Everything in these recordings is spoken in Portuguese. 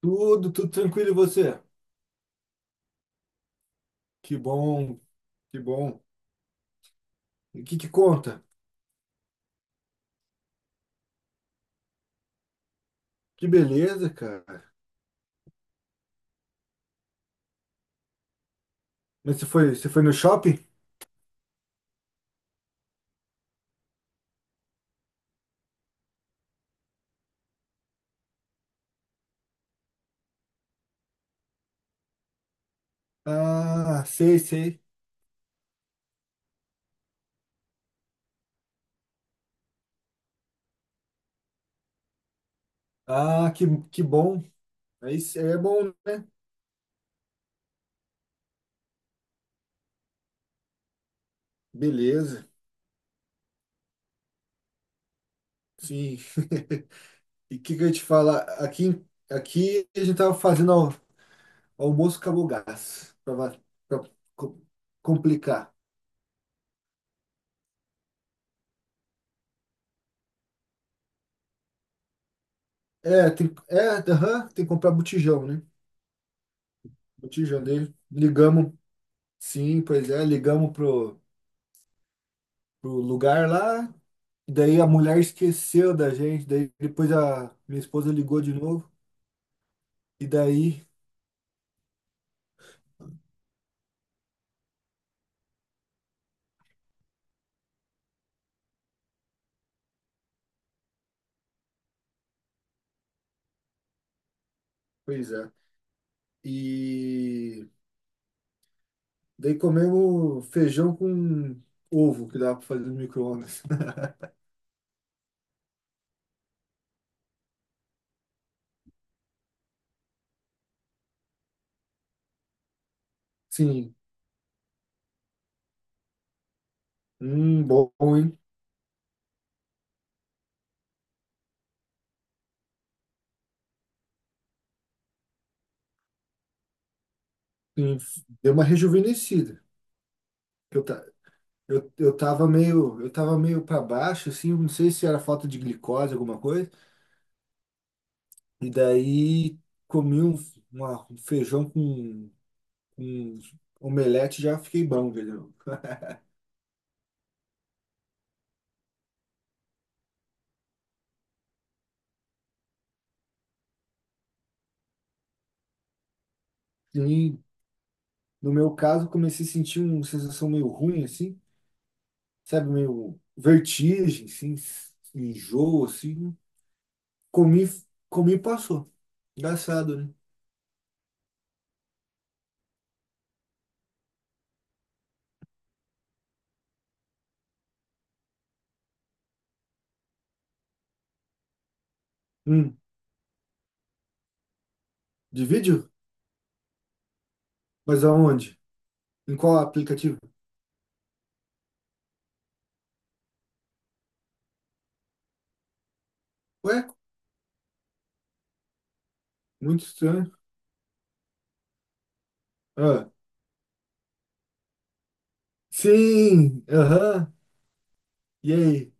Tudo, tudo tranquilo e você? Que bom, que bom. E o que que conta? Que beleza, cara. Mas você foi no shopping? Ah, sei, sei. Ah, que bom. É bom, né? Beleza. Sim. E o que que eu ia te falar? Aqui, aqui a gente tava fazendo almoço acabou o gás. Pra co- complicar. Tem que comprar botijão, né? Botijão dele. Ligamos. Sim, pois é, ligamos pro lugar lá. Daí a mulher esqueceu da gente. Daí depois a minha esposa ligou de novo. E daí. Pois é. E daí comemos feijão com ovo que dá para fazer no micro-ondas. Sim. Bom, hein? Sim. Deu uma rejuvenescida. Eu, ta- eu tava meio, eu tava meio para baixo, assim, não sei se era falta de glicose, alguma coisa. E daí comi um, um feijão com um omelete, já fiquei bom, velho. E, no meu caso, comecei a sentir uma sensação meio ruim, assim, sabe, meio vertigem, assim, enjoo, assim. Comi, Comi e passou. Engraçado, né? Hum, de vídeo? Mas aonde? Em qual aplicativo? Ué, muito estranho. Ah, sim, aham. E aí?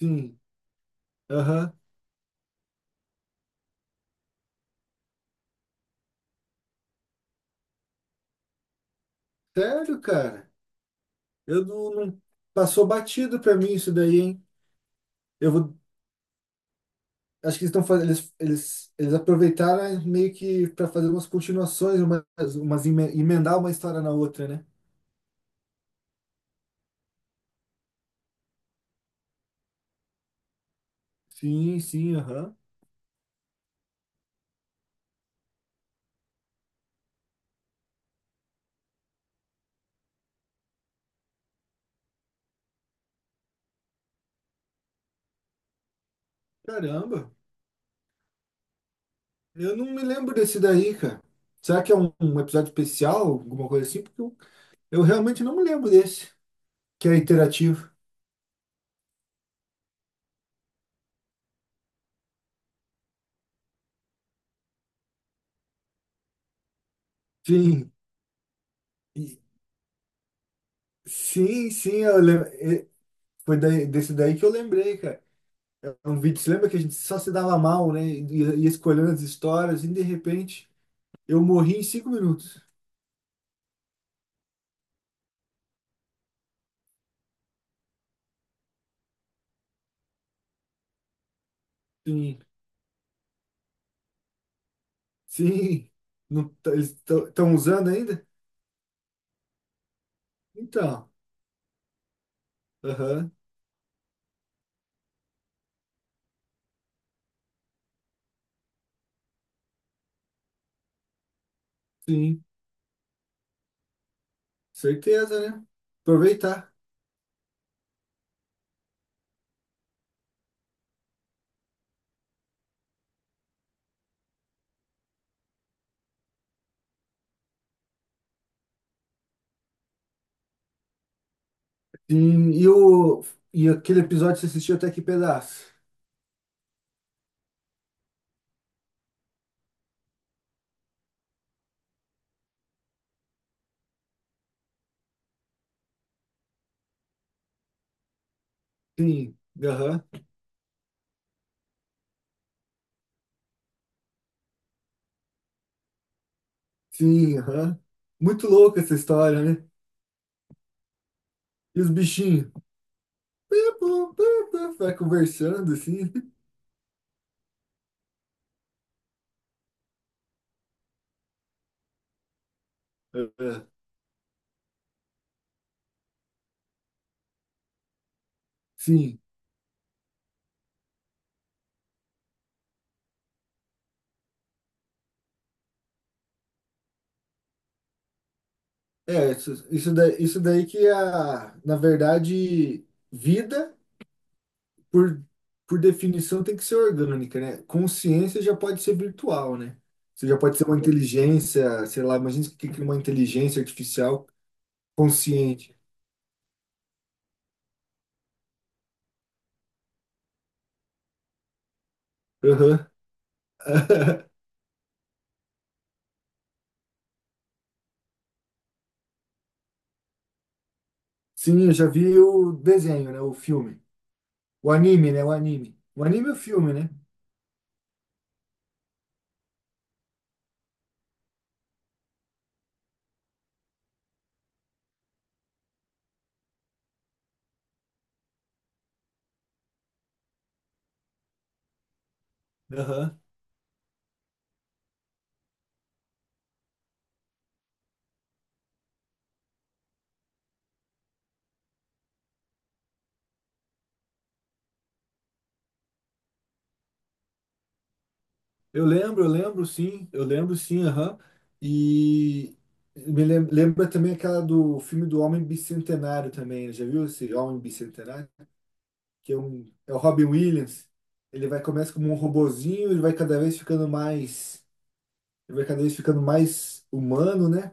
Sim, aham. Sério, cara? Eu não, não- Passou batido pra mim isso daí, hein? Eu vou, acho que eles estão fazendo, eles aproveitaram meio que para fazer umas continuações, umas, emendar uma história na outra, né? Sim, sim, aham. Caramba, eu não me lembro desse daí, cara. Será que é um, um episódio especial, alguma coisa assim? Porque eu realmente não me lembro desse, que é interativo. Sim, e- sim, sim, eu lembro. Desse daí que eu lembrei, cara. É um vídeo, você lembra que a gente só se dava mal, né? Ia escolhendo as histórias e de repente eu morri em cinco minutos. Sim, sim. Não, tá- Eles estão usando ainda? Então, aham, sim, certeza, né? Aproveitar. Sim, e, o, e aquele episódio você assistiu até que pedaço? Sim, aham, sim, aham. Muito louca essa história, né? E os bichinhos? Piu, piu, vai conversando assim. Aham, sim, é, isso, isso daí que é a, na verdade, vida. por, por definição, tem que ser orgânica, né? Consciência já pode ser virtual, né? Você já pode ser uma inteligência, sei lá, imagina o que que é uma inteligência artificial consciente. Aham. Sim, eu já vi o desenho, né? O filme. O anime, né? O anime. O anime é o filme, né? Aham. Eu lembro sim, aham. E lembra também aquela do filme do Homem Bicentenário também, já viu esse Homem Bicentenário? Que é, um, é o Robin Williams. Ele vai começa como um robozinho, ele vai cada vez ficando mais, ele vai cada vez ficando mais humano, né?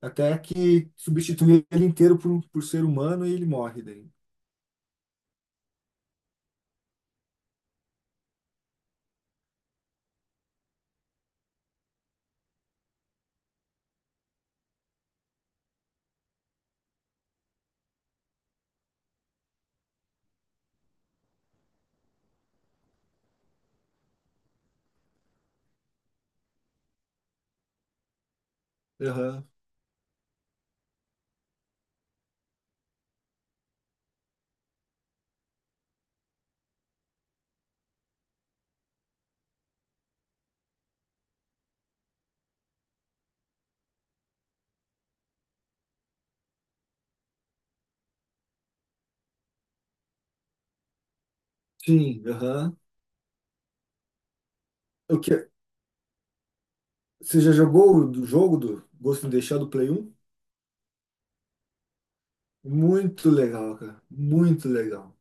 Até que substitui ele inteiro por ser humano e ele morre daí. Aham. Sim, aham. O que, você já jogou o do jogo do Ghost in the Shell do Play 1? Muito legal, cara. Muito legal.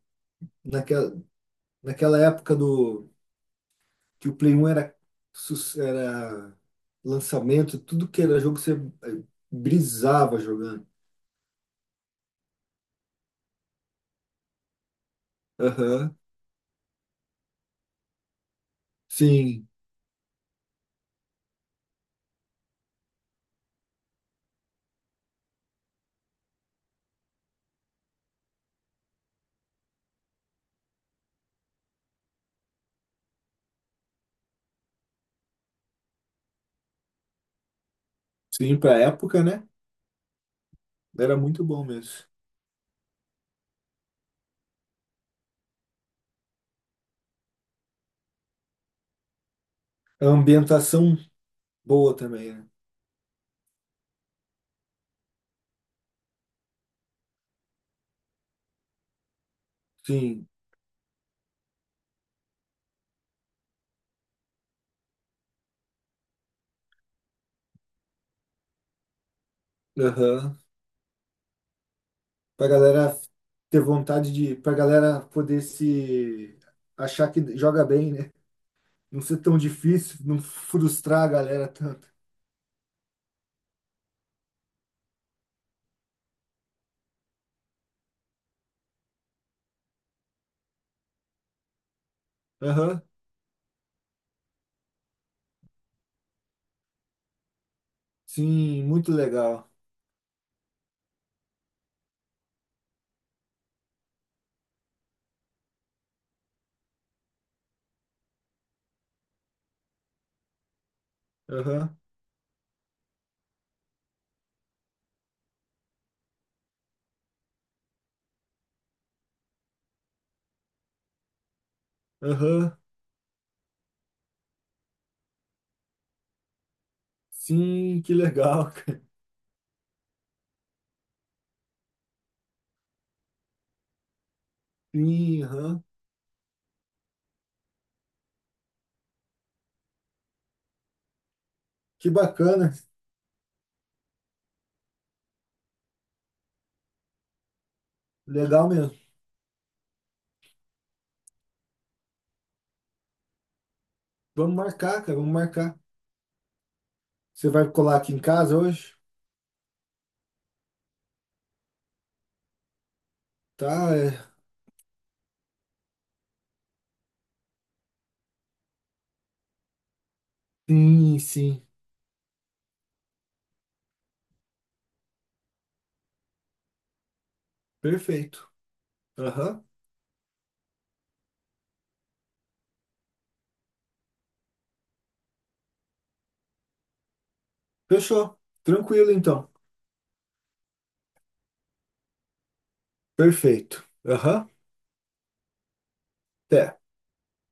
Naquela, naquela época do que o Play 1 era, era lançamento, tudo que era jogo você eh, brisava jogando. Aham. Sim, sim, pra época, né? Era muito bom mesmo. A ambientação boa também, né? Sim, aham. Pra galera ter vontade de. Pra galera poder se. Achar que joga bem, né? Não ser tão difícil, não frustrar a galera tanto. Aham, sim, muito legal. Aham, aham, sim, que legal, cara. Sim, aham. Que bacana, legal mesmo. Vamos marcar, cara, vamos marcar. Você vai colar aqui em casa hoje? Tá, é. Sim, sim. Perfeito. Aham. Fechou. Tranquilo, então. Perfeito. Aham. Até.